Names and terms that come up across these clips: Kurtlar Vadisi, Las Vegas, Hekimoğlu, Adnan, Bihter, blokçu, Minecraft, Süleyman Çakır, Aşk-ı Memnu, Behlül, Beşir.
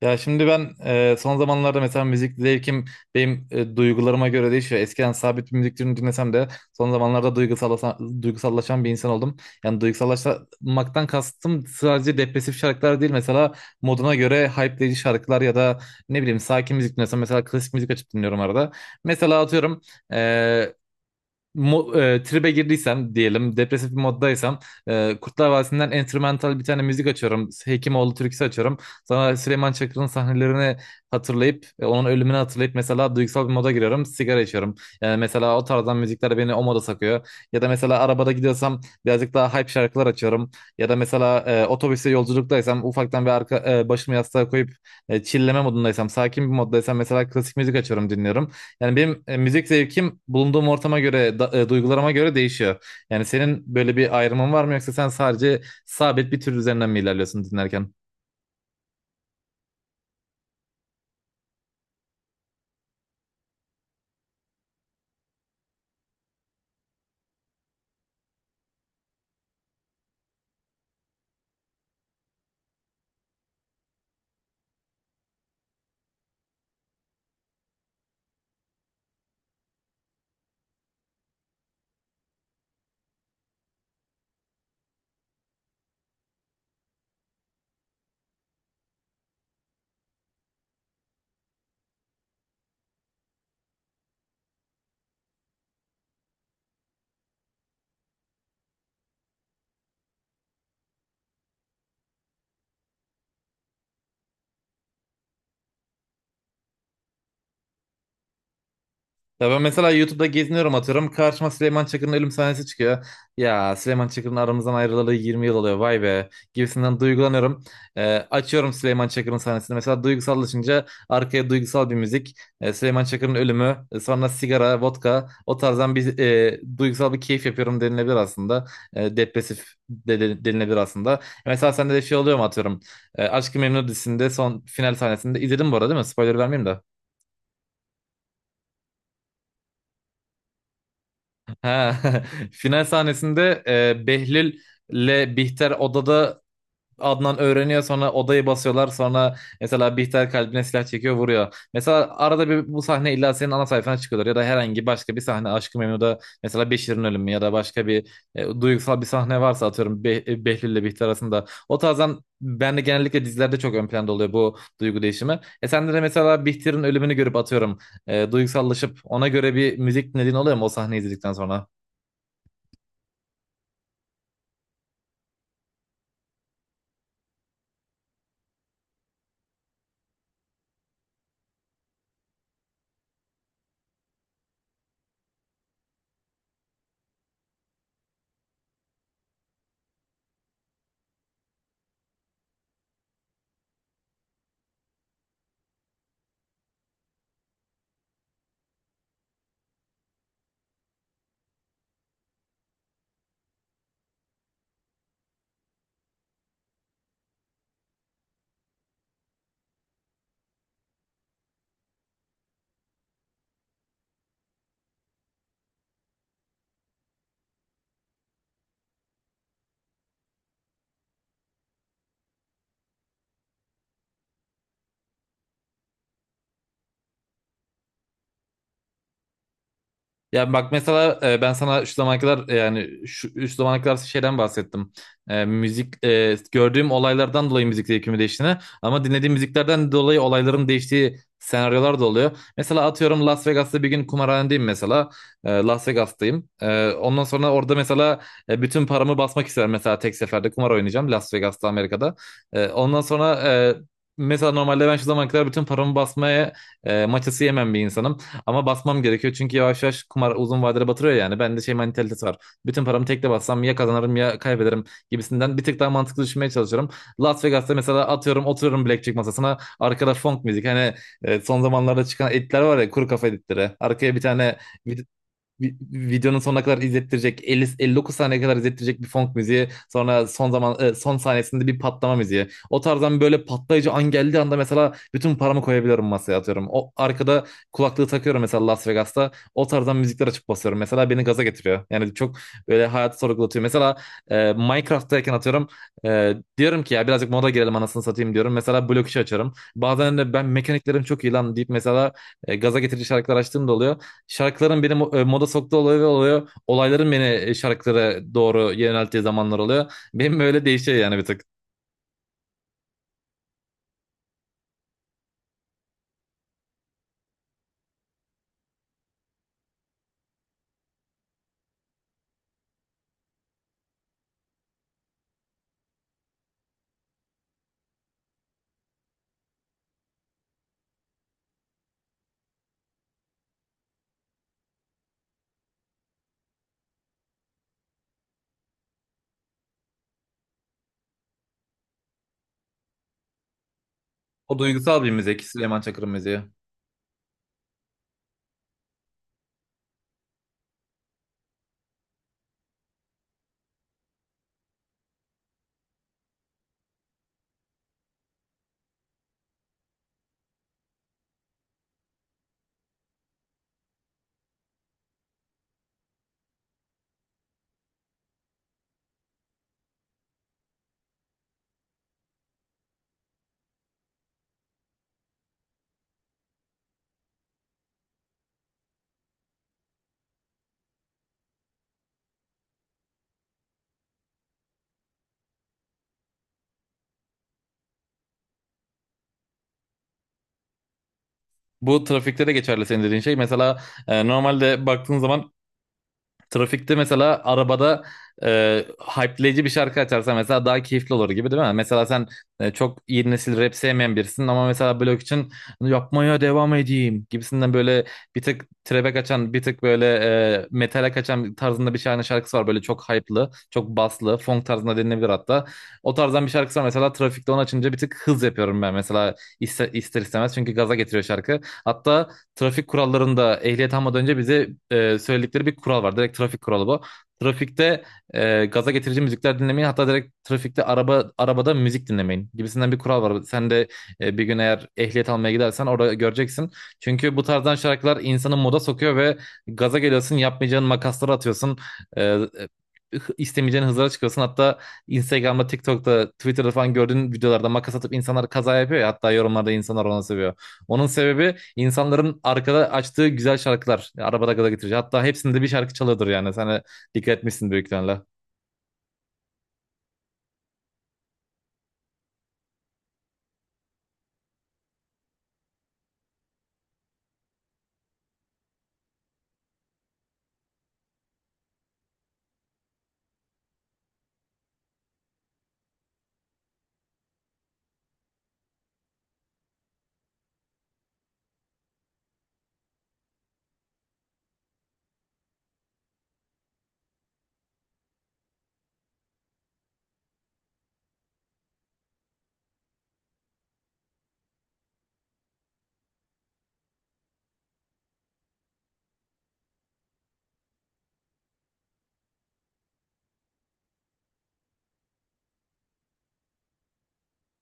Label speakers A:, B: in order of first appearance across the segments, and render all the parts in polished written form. A: Ya şimdi ben son zamanlarda mesela müzik zevkim benim duygularıma göre değişiyor. Eskiden sabit bir müzik türünü dinlesem de son zamanlarda duygusallaşan bir insan oldum. Yani duygusallaşmaktan kastım sadece depresif şarkılar değil. Mesela moduna göre hype'leyici şarkılar ya da ne bileyim sakin müzik dinlesem mesela klasik müzik açıp dinliyorum arada. Mesela atıyorum e, tribe girdiysem diyelim depresif bir moddaysam Kurtlar Vadisi'nden enstrümantal bir tane müzik açıyorum. Hekimoğlu türküsü açıyorum. Sonra Süleyman Çakır'ın sahnelerini hatırlayıp onun ölümünü hatırlayıp mesela duygusal bir moda giriyorum. Sigara içiyorum. Yani mesela o tarzdan müzikler beni o moda sokuyor. Ya da mesela arabada gidiyorsam birazcık daha hype şarkılar açıyorum. Ya da mesela otobüste yolculuktaysam ufaktan bir başımı yastığa koyup chill'leme modundaysam sakin bir moddaysam mesela klasik müzik açıyorum dinliyorum. Yani benim müzik zevkim bulunduğum ortama göre, duygularıma göre değişiyor. Yani senin böyle bir ayrımın var mı yoksa sen sadece sabit bir tür üzerinden mi ilerliyorsun dinlerken? Ya ben mesela YouTube'da geziniyorum atıyorum. Karşıma Süleyman Çakır'ın ölüm sahnesi çıkıyor. Ya Süleyman Çakır'ın aramızdan ayrılalı 20 yıl oluyor vay be gibisinden duygulanıyorum. Açıyorum Süleyman Çakır'ın sahnesini. Mesela duygusallaşınca arkaya duygusal bir müzik. Süleyman Çakır'ın ölümü sonra sigara, vodka o tarzdan bir duygusal bir keyif yapıyorum denilebilir aslında. Depresif denilebilir aslında. Mesela sende de şey oluyor mu atıyorum. Aşk-ı Memnu dizisinde son final sahnesinde izledim bu arada değil mi? Spoiler vermeyeyim de. Ha, final sahnesinde Behlül'le Bihter odada Adnan öğreniyor, sonra odayı basıyorlar, sonra mesela Bihter kalbine silah çekiyor vuruyor. Mesela arada bir bu sahne illa senin ana sayfana çıkıyorlar ya da herhangi başka bir sahne Aşk-ı Memnu'da, mesela Beşir'in ölümü ya da başka bir duygusal bir sahne varsa atıyorum Behlül'le Bihter arasında. O tarzdan ben de genellikle dizilerde çok ön planda oluyor bu duygu değişimi. E sende de mesela Bihter'in ölümünü görüp atıyorum duygusallaşıp ona göre bir müzik dinlediğin oluyor mu o sahneyi izledikten sonra? Ya bak mesela ben sana şu zamana kadar yani şu zamana kadar şeyden bahsettim. Müzik gördüğüm olaylardan dolayı müzik zevkimin değiştiğini, ama dinlediğim müziklerden dolayı olayların değiştiği senaryolar da oluyor. Mesela atıyorum Las Vegas'ta bir gün kumarhanedeyim mesela. Las Vegas'tayım. Ondan sonra orada mesela bütün paramı basmak isterim, mesela tek seferde kumar oynayacağım Las Vegas'ta, Amerika'da. E, ondan sonra e, Mesela normalde ben şu zamana kadar bütün paramı basmaya maçası yemem bir insanım. Ama basmam gerekiyor çünkü yavaş yavaş kumar uzun vadede batırıyor yani. Bende şey mentalitesi var. Bütün paramı tekte bassam ya kazanırım ya kaybederim gibisinden bir tık daha mantıklı düşünmeye çalışıyorum. Las Vegas'ta mesela atıyorum oturuyorum blackjack masasına. Arkada funk müzik, hani son zamanlarda çıkan editler var ya, kuru kafa editleri. Arkaya bir tane vi- videonun sonuna kadar izlettirecek, 50 59 saniye kadar izlettirecek bir funk müziği, sonra son sahnesinde bir patlama müziği. O tarzdan böyle patlayıcı an geldiği anda mesela bütün paramı koyabiliyorum masaya atıyorum. O arkada kulaklığı takıyorum mesela Las Vegas'ta. O tarzdan müzikler açıp basıyorum. Mesela beni gaza getiriyor. Yani çok böyle hayatı sorgulatıyor. Mesela Minecraft'tayken atıyorum diyorum ki ya birazcık moda girelim anasını satayım diyorum. Mesela blok işi açarım. Bazen de ben mekaniklerim çok iyi lan deyip mesela gaza getirici şarkılar açtığım da oluyor. Şarkıların beni moda soktuğu oluyor. Olayların beni şarkılara doğru yönelttiği zamanlar oluyor. Benim böyle değişiyor yani bir tık. O duygusal bir müzik Süleyman Çakır'ın müziği. Bu trafikte de geçerli senin dediğin şey. Mesela normalde baktığın zaman trafikte mesela arabada e, hype'leyici bir şarkı açarsa mesela daha keyifli olur gibi, değil mi? Mesela sen çok yeni nesil rap sevmeyen birisin ama mesela blok için yapmaya devam edeyim gibisinden böyle bir tık trap'e kaçan, bir tık böyle metale kaçan tarzında bir tane şarkısı var. Böyle çok hype'lı, çok baslı, funk tarzında dinlenebilir hatta. O tarzdan bir şarkısı var, mesela trafikte onu açınca bir tık hız yapıyorum ben mesela, ister istemez, çünkü gaza getiriyor şarkı. Hatta trafik kurallarında ehliyet almadan önce bize söyledikleri bir kural var. Direkt trafik kuralı bu. Trafikte gaza getirici müzikler dinlemeyin. Hatta direkt trafikte arabada müzik dinlemeyin gibisinden bir kural var. Sen de bir gün eğer ehliyet almaya gidersen orada göreceksin. Çünkü bu tarzdan şarkılar insanı moda sokuyor ve gaza geliyorsun, yapmayacağın makasları atıyorsun. E, istemeyeceğin hızlara çıkıyorsun. Hatta Instagram'da, TikTok'ta, Twitter'da falan gördüğün videolarda makas atıp insanlar kaza yapıyor ya. Hatta yorumlarda insanlar ona seviyor. Onun sebebi insanların arkada açtığı güzel şarkılar. Arabada gaza getirici. Hatta hepsinde bir şarkı çalıyordur yani. Sen de dikkat etmişsin büyük ihtimalle.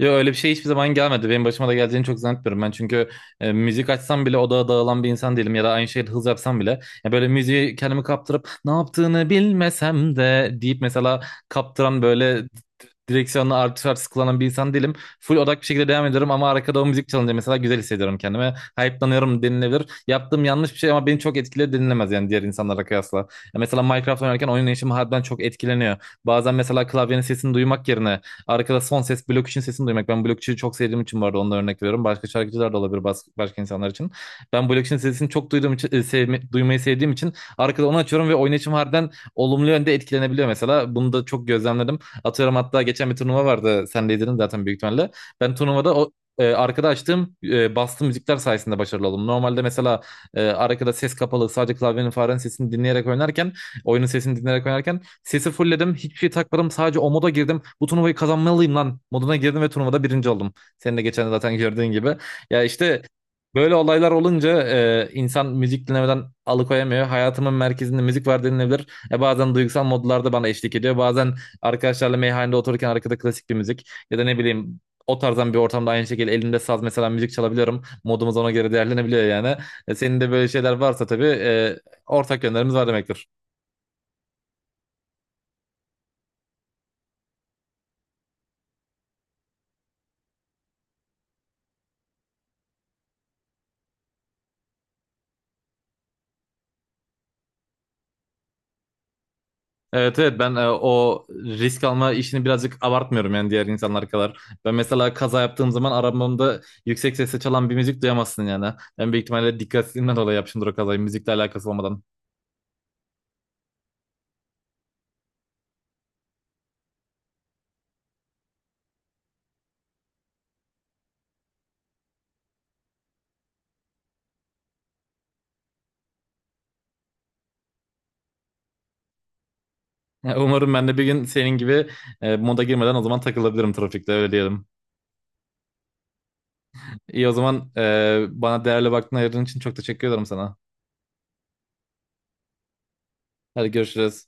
A: Yo öyle bir şey hiçbir zaman gelmedi. Benim başıma da geleceğini çok zannetmiyorum ben. Çünkü müzik açsam bile odaya dağılan bir insan değilim, ya da aynı şeyi hız yapsam bile. Ya böyle müziği kendimi kaptırıp ne yaptığını bilmesem de deyip mesela kaptıran, böyle direksiyonla artış artış kullanan bir insan değilim. Full odak bir şekilde devam ediyorum, ama arkada o müzik çalınca mesela güzel hissediyorum kendimi. Hype'lanıyorum denilebilir. Yaptığım yanlış bir şey ama beni çok etkiledi denilemez yani diğer insanlara kıyasla. Ya mesela Minecraft oynarken oyun işim harbiden çok etkileniyor. Bazen mesela klavyenin sesini duymak yerine arkada son ses blokçunun sesini duymak. Ben blokçuyu çok sevdiğim için bu arada onu da örnek veriyorum. Başka şarkıcılar da olabilir başka insanlar için. Ben blokçunun sesini çok duyduğum için, duymayı sevdiğim için arkada onu açıyorum ve oynayışım harbiden olumlu yönde etkilenebiliyor mesela. Bunu da çok gözlemledim. Atıyorum hatta geçen bir turnuva vardı. Sen de izledin zaten büyük ihtimalle. Ben turnuvada o arkada açtığım bastığım müzikler sayesinde başarılı oldum. Normalde mesela arkada ses kapalı sadece klavyenin farenin sesini dinleyerek oynarken, oyunun sesini dinleyerek oynarken sesi fullledim. Hiçbir şey takmadım. Sadece o moda girdim. Bu turnuvayı kazanmalıyım lan moduna girdim ve turnuvada birinci oldum. Senin de geçen de zaten gördüğün gibi. Ya işte böyle olaylar olunca insan müzik dinlemeden alıkoyamıyor. Hayatımın merkezinde müzik var denilebilir. Bazen duygusal modlarda bana eşlik ediyor. Bazen arkadaşlarla meyhanede otururken arkada klasik bir müzik ya da ne bileyim o tarzdan bir ortamda aynı şekilde elimde saz mesela müzik çalabiliyorum. Modumuz ona göre değerlenebiliyor yani. Senin de böyle şeyler varsa tabii, ortak yönlerimiz var demektir. Evet, evet, ben o risk alma işini birazcık abartmıyorum yani diğer insanlar kadar. Ben mesela kaza yaptığım zaman arabamda yüksek sesle çalan bir müzik duyamazsın yani. Ben büyük ihtimalle dikkatsizliğimden dolayı yapmışımdır o kazayı, müzikle alakası olmadan. Yani umarım ben de bir gün senin gibi moda girmeden o zaman takılabilirim trafikte, öyle diyelim. İyi, o zaman bana değerli vaktini ayırdığın için çok teşekkür ederim sana. Hadi görüşürüz.